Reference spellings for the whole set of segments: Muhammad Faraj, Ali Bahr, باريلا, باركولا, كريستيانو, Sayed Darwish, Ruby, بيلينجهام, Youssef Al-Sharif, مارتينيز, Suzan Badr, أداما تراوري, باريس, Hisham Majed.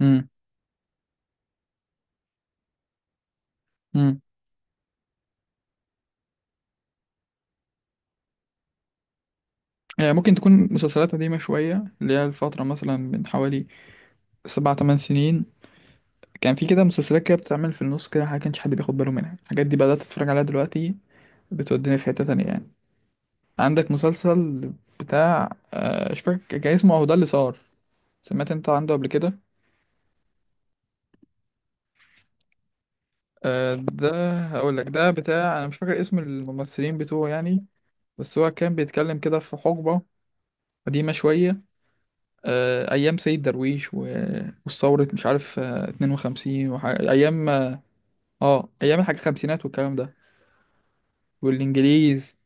امم امم يعني ممكن تكون مسلسلات قديمة شوية، اللي هي الفترة مثلا من حوالي سبع تمن سنين. كان في كده مسلسلات كده بتتعمل في النص كده، ما كانش حد بياخد باله منها. الحاجات دي بدأت أتفرج عليها دلوقتي، بتوديني في حتة تانية يعني. عندك مسلسل بتاع مش فاكر كان اسمه. أهو ده اللي صار، سمعت أنت عنده قبل كده؟ ده هقول لك، ده بتاع أنا مش فاكر اسم الممثلين بتوعه يعني. بس هو كان بيتكلم كده في حقبة قديمة شوية، ايام سيد درويش والثورة مش عارف، 52 ايام ايام الحاجة الخمسينات والكلام ده والانجليز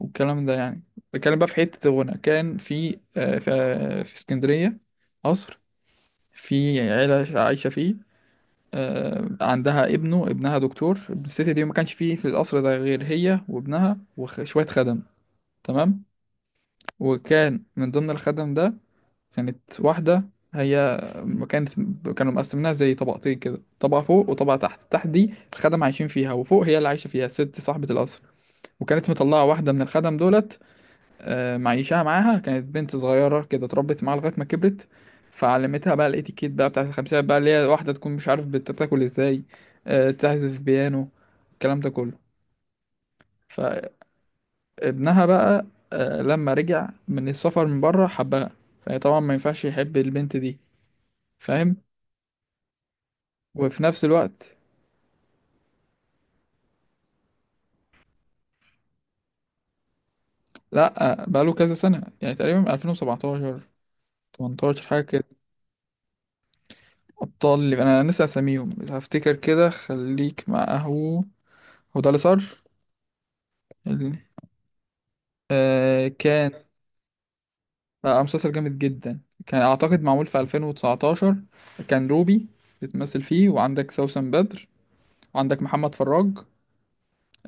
والكلام ده يعني. بتكلم بقى في حتة الغنى. كان في، في اسكندرية، قصر، في عيلة عايشة فيه. عندها ابنها دكتور، ابن الست دي. ما كانش فيه في القصر ده غير هي وابنها وشوية خدم، تمام. وكان من ضمن الخدم ده كانت واحدة. هي كانت كانوا مقسمينها زي طبقتين كده، طبقة فوق وطبقة تحت. تحت دي الخدم عايشين فيها، وفوق هي اللي عايشة فيها الست صاحبة القصر. وكانت مطلعة واحدة من الخدم دولت، معيشاها معاها. كانت بنت صغيرة كده اتربت معاها لغاية ما كبرت. فعلمتها بقى الاتيكيت بقى بتاعت الخمسينات بقى، اللي هي واحدة تكون مش عارف بتاكل ازاي، تعزف بيانو، الكلام ده كله. فابنها بقى، لما رجع من السفر من بره حبها. فطبعا ما ينفعش يحب البنت دي، فاهم. وفي نفس الوقت، لا بقاله كذا سنة يعني، تقريبا من 2017 18 حاجة كده. أبطال اللي أنا لسه أساميهم هفتكر كده، خليك معه. هو ده اللي صار. ال- كان بقى مسلسل جامد جدا، كان أعتقد معمول في 2019. كان روبي بتمثل فيه، وعندك سوسن بدر، وعندك محمد فراج.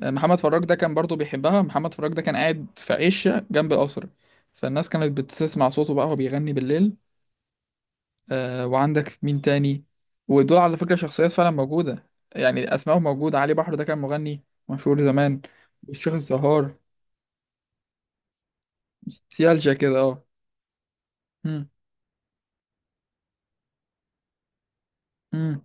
محمد فراج ده كان برضه بيحبها. محمد فراج ده كان قاعد في عشة جنب القصر، فالناس كانت بتسمع صوته بقى وهو بيغني بالليل. وعندك مين تاني؟ ودول على فكرة شخصيات فعلا موجودة يعني، أسمائهم موجودة. علي بحر ده كان مغني مشهور زمان، والشيخ الزهار. نوستالجيا كده، اه. مم، مم،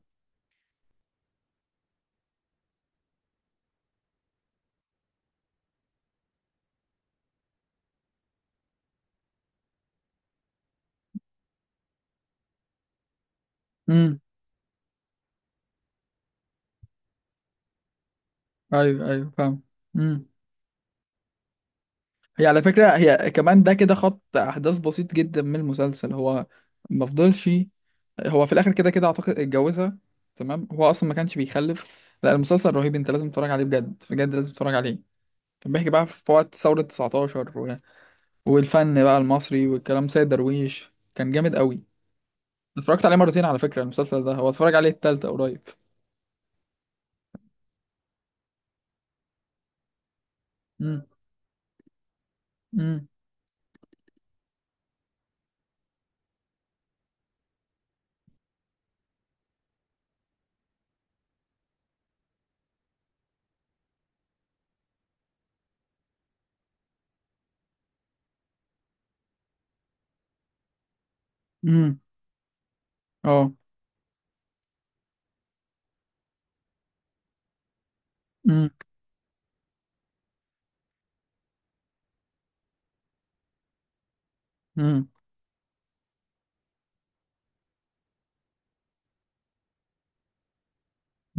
مم. أيوه، أيوه، فاهم. مم. هي على فكرة، هي كمان ده كده خط أحداث بسيط جدا من المسلسل. هو ما فضلش، هو في الآخر كده كده أعتقد اتجوزها. تمام، هو أصلا ما كانش بيخلف. لا، المسلسل رهيب، أنت لازم تتفرج عليه بجد بجد، لازم تتفرج عليه. كان بيحكي بقى في وقت ثورة 19، والفن بقى المصري والكلام. سيد درويش كان جامد قوي. اتفرجت عليه مرتين على فكرة، المسلسل ده هو اتفرج عليه التالتة قريب. امم امم امم اه. امم امم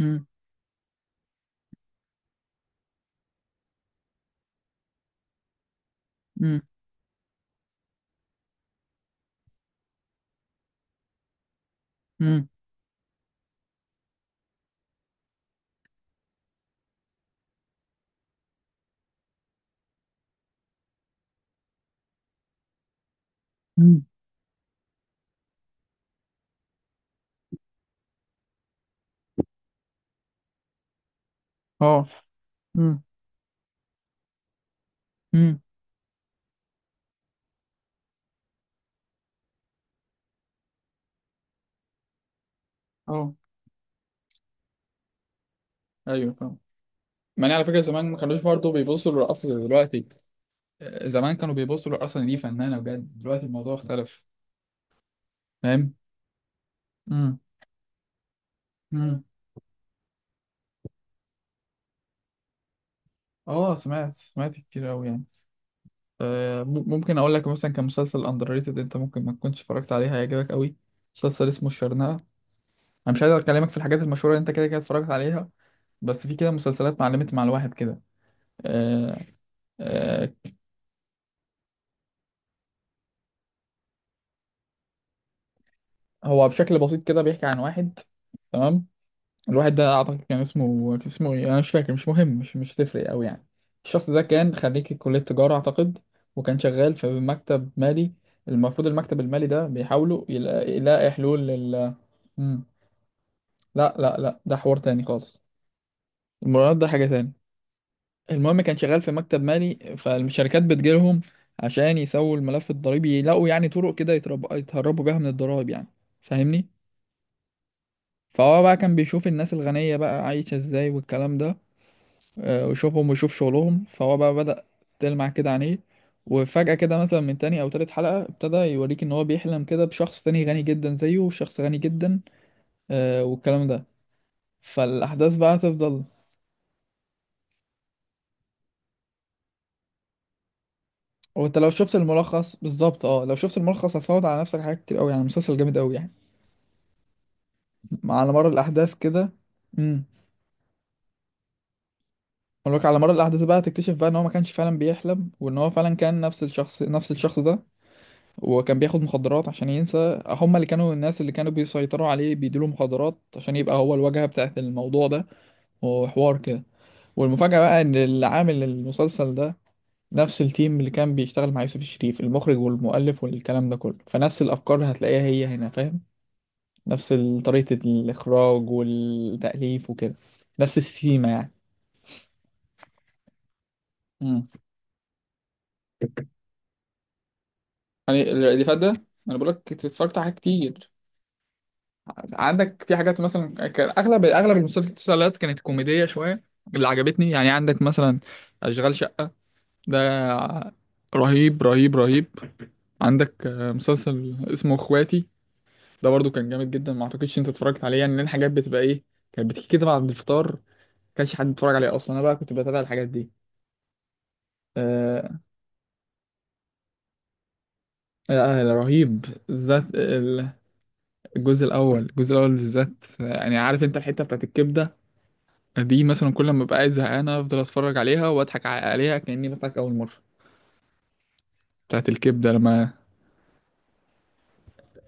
امم امم امم أمم. اه. امم امم اه، ايوه، فاهم. يعني على فكرة، زمان ما كانوش برضه بيبصوا للرقص زي دلوقتي. زمان كانوا بيبصوا للرقص إن دي فنانة بجد. دلوقتي الموضوع اختلف، فاهم. امم امم اه، سمعت كتير قوي يعني. ممكن اقول لك مثلا كمسلسل اندر ريتد، انت ممكن ما تكونش اتفرجت عليه، هيعجبك قوي. مسلسل اسمه الشرنقة. انا مش عايز اكلمك في الحاجات المشهوره اللي انت كده كده اتفرجت عليها، بس في كده مسلسلات معلمت مع الواحد كده. آه، آه، هو بشكل بسيط كده بيحكي عن واحد، تمام. الواحد ده اعتقد كان اسمه، ايه، انا مش فاكر، مش مهم، مش هتفرق قوي يعني. الشخص ده كان خريج كليه تجاره اعتقد، وكان شغال في مكتب مالي. المفروض المكتب المالي ده بيحاولوا يلاقي حلول لل. مم. لا، لا، لا، ده حوار تاني خالص. المراهنات ده حاجة تاني. المهم كان شغال في مكتب مالي، فالشركات بتجيلهم عشان يسووا الملف الضريبي، يلاقوا يعني طرق كده يتهربوا بيها من الضرايب يعني، فاهمني. فهو بقى كان بيشوف الناس الغنية بقى عايشة ازاي والكلام ده، ويشوفهم ويشوف شغلهم. فهو بقى بدأ تلمع كده عينيه. وفجأة كده مثلا من تاني أو تالت حلقة، ابتدى يوريك إن هو بيحلم كده بشخص تاني غني جدا زيه، وشخص غني جدا، والكلام ده. فالأحداث بقى تفضل. وانت لو شفت الملخص بالظبط، اه، لو شفت الملخص هتفوت على نفسك حاجات كتير قوي يعني. مسلسل جامد قوي يعني، على مر الاحداث كده. امم ولك على مر الاحداث بقى هتكتشف بقى ان هو ما كانش فعلا بيحلم، وان هو فعلا كان نفس الشخص، نفس الشخص ده. وكان بياخد مخدرات عشان ينسى، هم اللي كانوا الناس اللي كانوا بيسيطروا عليه بيديله مخدرات عشان يبقى هو الواجهة بتاعت الموضوع ده وحوار كده. والمفاجأة بقى ان اللي عامل المسلسل ده نفس التيم اللي كان بيشتغل مع يوسف الشريف، المخرج والمؤلف والكلام ده كله. فنفس الافكار هتلاقيها هي هنا، فاهم. نفس طريقة الإخراج والتأليف وكده، نفس السيما يعني. مم. يعني اللي فات ده، أنا بقول لك اتفرجت على حاجات كتير. عندك في حاجات مثلا، كان أغلب أغلب المسلسلات كانت كوميدية شوية. اللي عجبتني يعني، عندك مثلا أشغال شقة، ده رهيب، رهيب، رهيب. عندك مسلسل اسمه اخواتي، ده برضو كان جامد جدا، ما اعتقدش انت اتفرجت عليه يعني، لان الحاجات بتبقى ايه؟ كانت بتيجي كده بعد الفطار، ما كانش حد بيتفرج عليها اصلا، انا بقى كنت بتابع الحاجات دي. آه، لا، لا، رهيب بالذات، الجزء الاول، الجزء الاول بالذات يعني. عارف انت الحته بتاعت الكبده، دي مثلا كل ما ببقى قاعد زهقان افضل اتفرج عليها واضحك عليها كاني بضحك اول مره. بتاعت الكبده. لما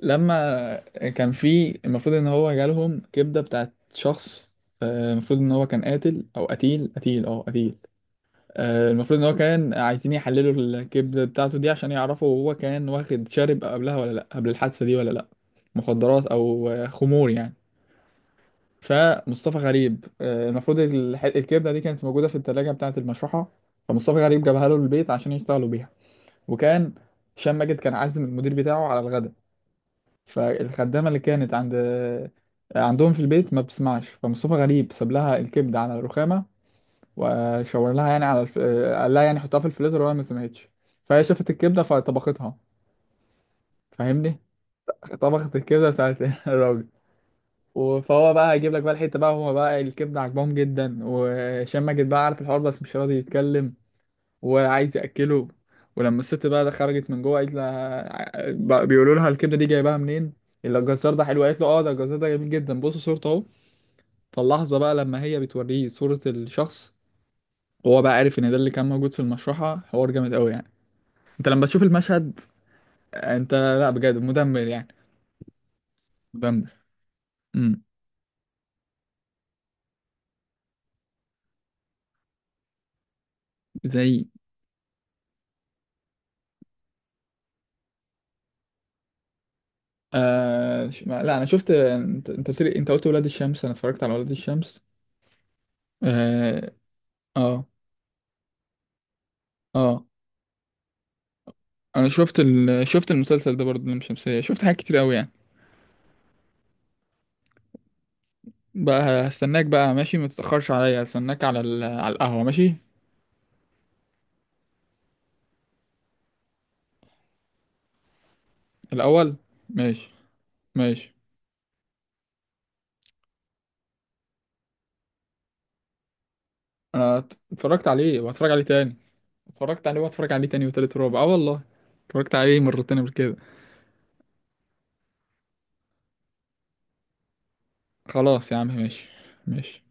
لما كان في المفروض ان هو جالهم كبده بتاعت شخص، المفروض ان هو كان قاتل او قتيل. المفروض ان هو كان عايزين يحللوا الكبده بتاعته دي عشان يعرفوا هو كان واخد شارب قبلها ولا لا، قبل الحادثه دي ولا لا، مخدرات او خمور يعني. فمصطفى غريب، المفروض الكبده دي كانت موجوده في الثلاجه بتاعه المشرحه. فمصطفى غريب جابها له البيت عشان يشتغلوا بيها. وكان هشام ماجد كان عازم المدير بتاعه على الغداء. فالخدامه اللي كانت عندهم في البيت ما بتسمعش. فمصطفى غريب ساب لها الكبده على الرخامه، وشاور لها يعني على الف... آه، قال لها يعني حطها في الفريزر، وهي ما سمعتش. فهي شافت الكبده فطبختها، فاهمني. طبخت الكبده بتاعت الراجل. فهو بقى هيجيب لك بقى الحته بقى، هما بقى الكبده عاجبهم جدا، وهشام ماجد بقى عارف الحوار بس مش راضي يتكلم وعايز ياكله. ولما الست بقى ده خرجت من جوه، قالت لها بقى بيقولوا لها الكبده دي جايباها منين، اللي الجزار ده حلو. قالت له، اه، ده الجزار ده جميل جدا، بص صورته اهو. فاللحظه بقى لما هي بتوريه صوره الشخص، هو بقى عارف ان ده اللي كان موجود في المشرحه. حوار جامد قوي يعني. انت لما تشوف المشهد، انت لا بجد، مدمر يعني، مدمر. امم زي لا، انا شفت، انت قلت لي، انت قلت ولاد الشمس. انا اتفرجت على ولاد الشمس، اه، اه، آه. انا شفت شفت المسلسل ده برضه، لام شمسية، شفت حاجات كتير قوي يعني. بقى هستناك بقى، ماشي، ما تتأخرش عليا، هستناك على على القهوة، ماشي. الاول، ماشي، ماشي. انا اتفرجت عليه وهتفرج عليه تاني. اتفرجت عليه وهتفرج عليه تاني وتالت ورابع، اه والله. اتفرجت عليه مرتين قبل كده. خلاص يا عم، ماشي، ماشي.